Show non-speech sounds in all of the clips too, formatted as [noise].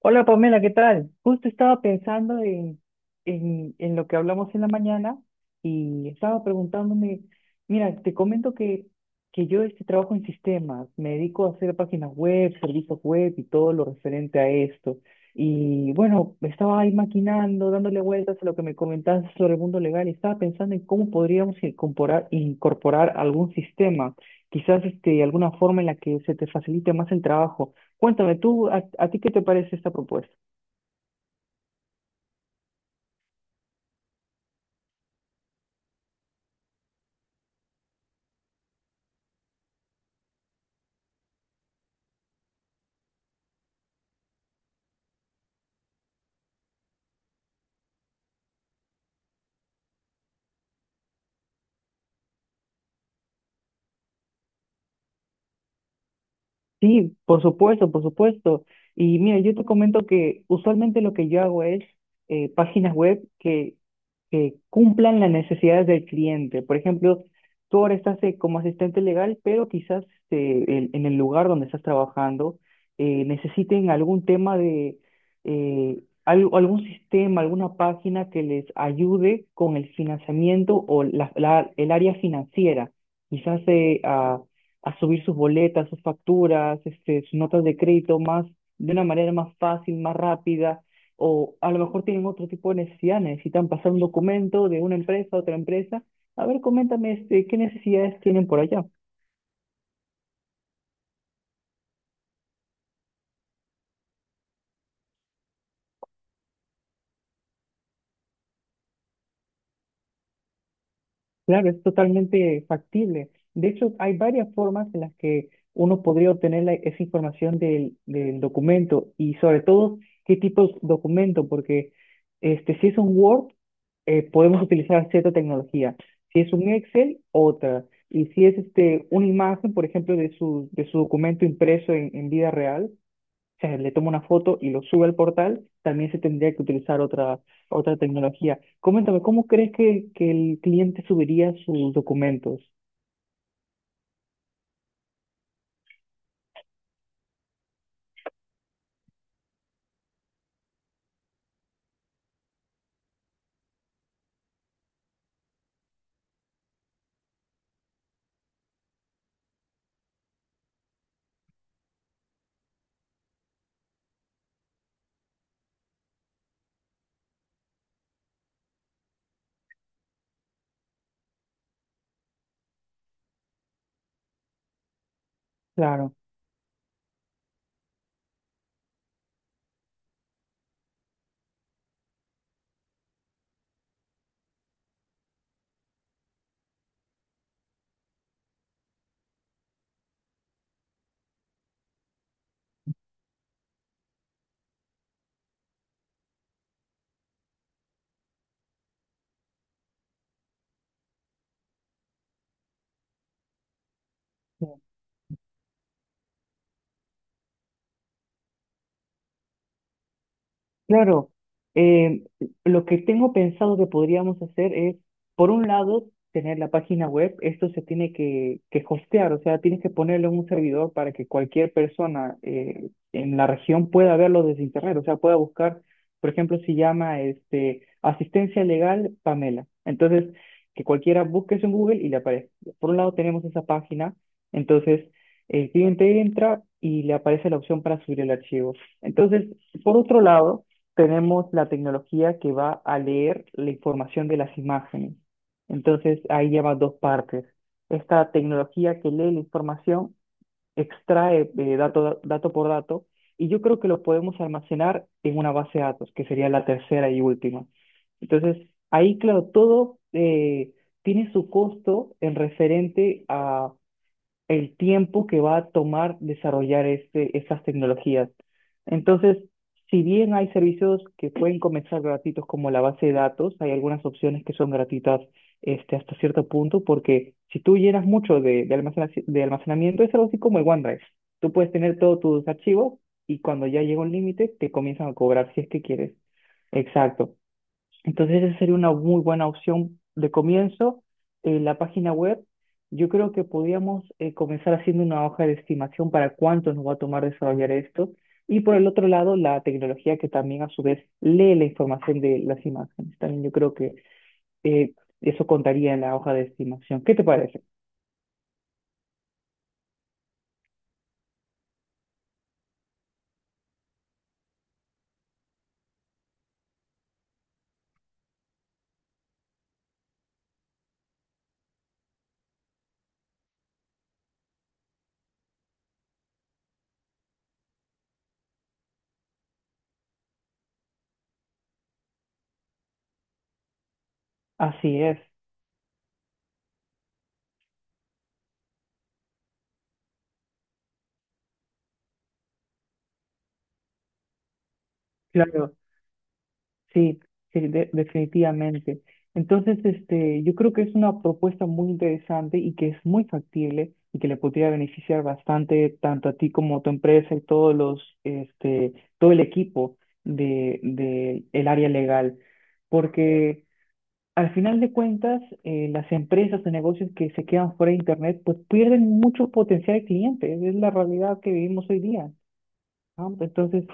Hola Pamela, ¿qué tal? Justo estaba pensando en lo que hablamos en la mañana y estaba preguntándome, mira, te comento que yo trabajo en sistemas, me dedico a hacer páginas web, servicios web y todo lo referente a esto. Y bueno, estaba ahí maquinando, dándole vueltas a lo que me comentaste sobre el mundo legal y estaba pensando en cómo podríamos incorporar algún sistema, quizás alguna forma en la que se te facilite más el trabajo. Cuéntame tú, ¿a ti qué te parece esta propuesta? Sí, por supuesto, por supuesto. Y mira, yo te comento que usualmente lo que yo hago es páginas web que cumplan las necesidades del cliente. Por ejemplo, tú ahora estás como asistente legal, pero quizás en el lugar donde estás trabajando necesiten algún tema de eh, algún sistema, alguna página que les ayude con el financiamiento o el área financiera. Quizás a subir sus boletas, sus facturas, sus notas de crédito más, de una manera más fácil, más rápida, o a lo mejor tienen otro tipo de necesidad, necesitan pasar un documento de una empresa a otra empresa. A ver, coméntame, ¿qué necesidades tienen por allá? Claro, es totalmente factible. De hecho, hay varias formas en las que uno podría obtener esa información del documento y sobre todo qué tipo de documento, porque si es un Word, podemos [laughs] utilizar cierta tecnología. Si es un Excel, otra. Y si es una imagen, por ejemplo, de su documento impreso en vida real, sea, le toma una foto y lo sube al portal, también se tendría que utilizar otra tecnología. Coméntame, ¿cómo crees que el cliente subiría sus documentos? Claro. Claro, eh, lo que tengo pensado que podríamos hacer es, por un lado, tener la página web, esto se tiene que hostear, o sea, tienes que ponerlo en un servidor para que cualquier persona en la región pueda verlo desde internet, o sea, pueda buscar, por ejemplo, si llama asistencia legal Pamela, entonces que cualquiera busque eso en Google y le aparece. Por un lado tenemos esa página, entonces el cliente entra y le aparece la opción para subir el archivo. Entonces, por otro lado, tenemos la tecnología que va a leer la información de las imágenes. Entonces, ahí lleva dos partes. Esta tecnología que lee la información extrae dato por dato y yo creo que lo podemos almacenar en una base de datos, que sería la tercera y última. Entonces, ahí, claro, todo tiene su costo en referente a el tiempo que va a tomar desarrollar esas tecnologías. Entonces, si bien hay servicios que pueden comenzar gratuitos como la base de datos, hay algunas opciones que son gratuitas hasta cierto punto, porque si tú llenas mucho de almacenamiento, es algo así como el OneDrive. Tú puedes tener todos tus archivos y cuando ya llega un límite, te comienzan a cobrar si es que quieres. Exacto. Entonces, esa sería una muy buena opción de comienzo. La página web, yo creo que podríamos comenzar haciendo una hoja de estimación para cuánto nos va a tomar desarrollar esto. Y por el otro lado, la tecnología que también a su vez lee la información de las imágenes. También yo creo que eh, eso contaría en la hoja de estimación. ¿Qué te parece? Así es. Claro. Sí, sí, de- definitivamente. Entonces, yo creo que es una propuesta muy interesante y que es muy factible y que le podría beneficiar bastante tanto a ti como a tu empresa y todos todo el equipo de el área legal. Porque al final de cuentas, las empresas o negocios que se quedan fuera de Internet, pues pierden mucho potencial de clientes. Es la realidad que vivimos hoy día. Ah, pues entonces,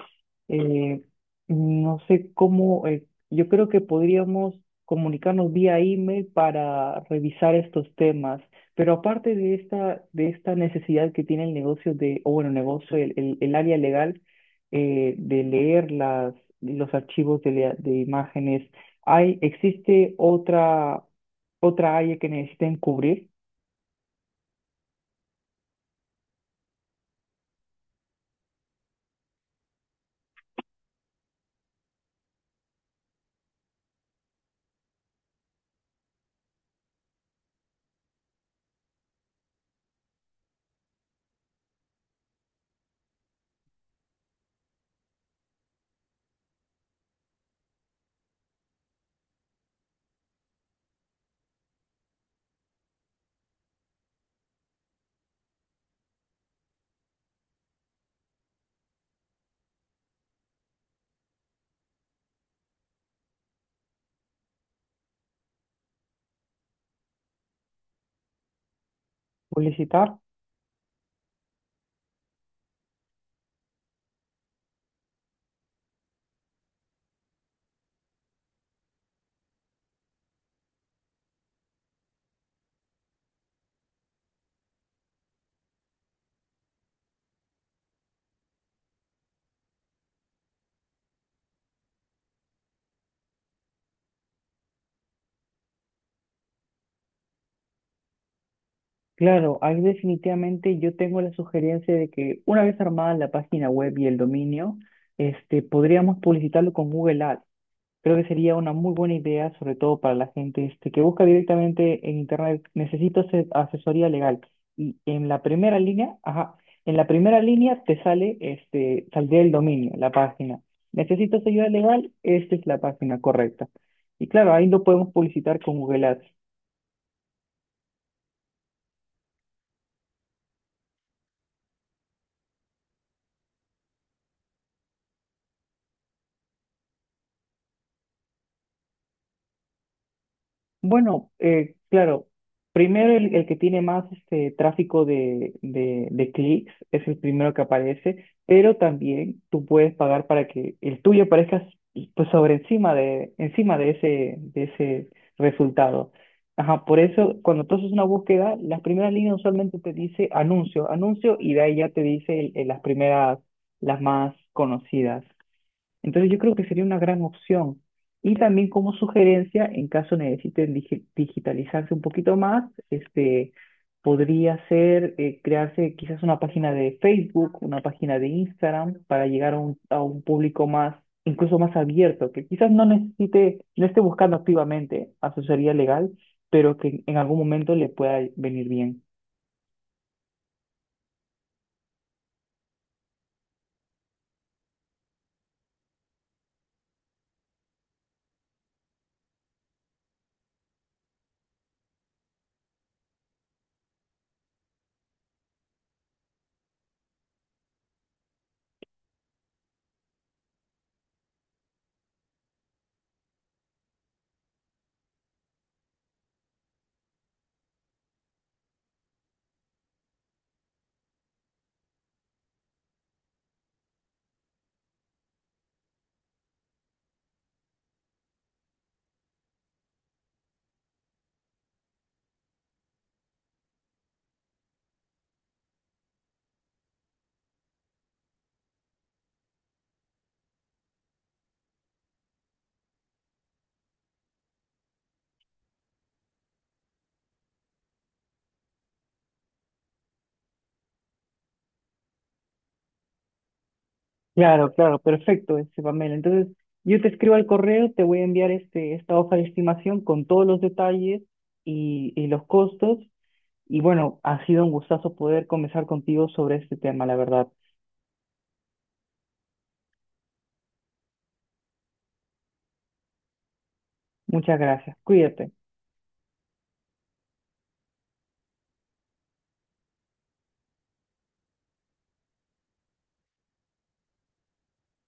eh, no sé cómo, yo creo que podríamos comunicarnos vía email para revisar estos temas, pero aparte de esta necesidad que tiene el negocio de, o bueno, el negocio, el área legal, de leer los archivos de, de imágenes, ¿hay, existe otra área que necesiten cubrir, publicitar? Claro, ahí definitivamente yo tengo la sugerencia de que una vez armada la página web y el dominio, podríamos publicitarlo con Google Ads. Creo que sería una muy buena idea, sobre todo para la gente que busca directamente en Internet, necesito ase- asesoría legal. Y en la primera línea, ajá, en la primera línea te sale, saldría el dominio, la página. Necesitas ayuda legal, esta es la página correcta. Y claro, ahí lo podemos publicitar con Google Ads. Bueno, claro, primero el que tiene más tráfico de clics es el primero que aparece, pero también tú puedes pagar para que el tuyo aparezca pues, sobre encima de de ese resultado. Ajá, por eso cuando tú haces una búsqueda, las primeras líneas usualmente te dice anuncio, anuncio y de ahí ya te dice las primeras, las más conocidas. Entonces yo creo que sería una gran opción. Y también como sugerencia, en caso necesiten digi- digitalizarse un poquito más, podría ser crearse quizás una página de Facebook, una página de Instagram para llegar a a un público más, incluso más abierto, que quizás no necesite, no esté buscando activamente asesoría legal, pero que en algún momento le pueda venir bien. Claro, claro, perfecto, este Pamela. Entonces, yo te escribo al correo, te voy a enviar esta hoja de estimación con todos los detalles y los costos. Y bueno, ha sido un gustazo poder conversar contigo sobre este tema, la verdad. Muchas gracias. Cuídate.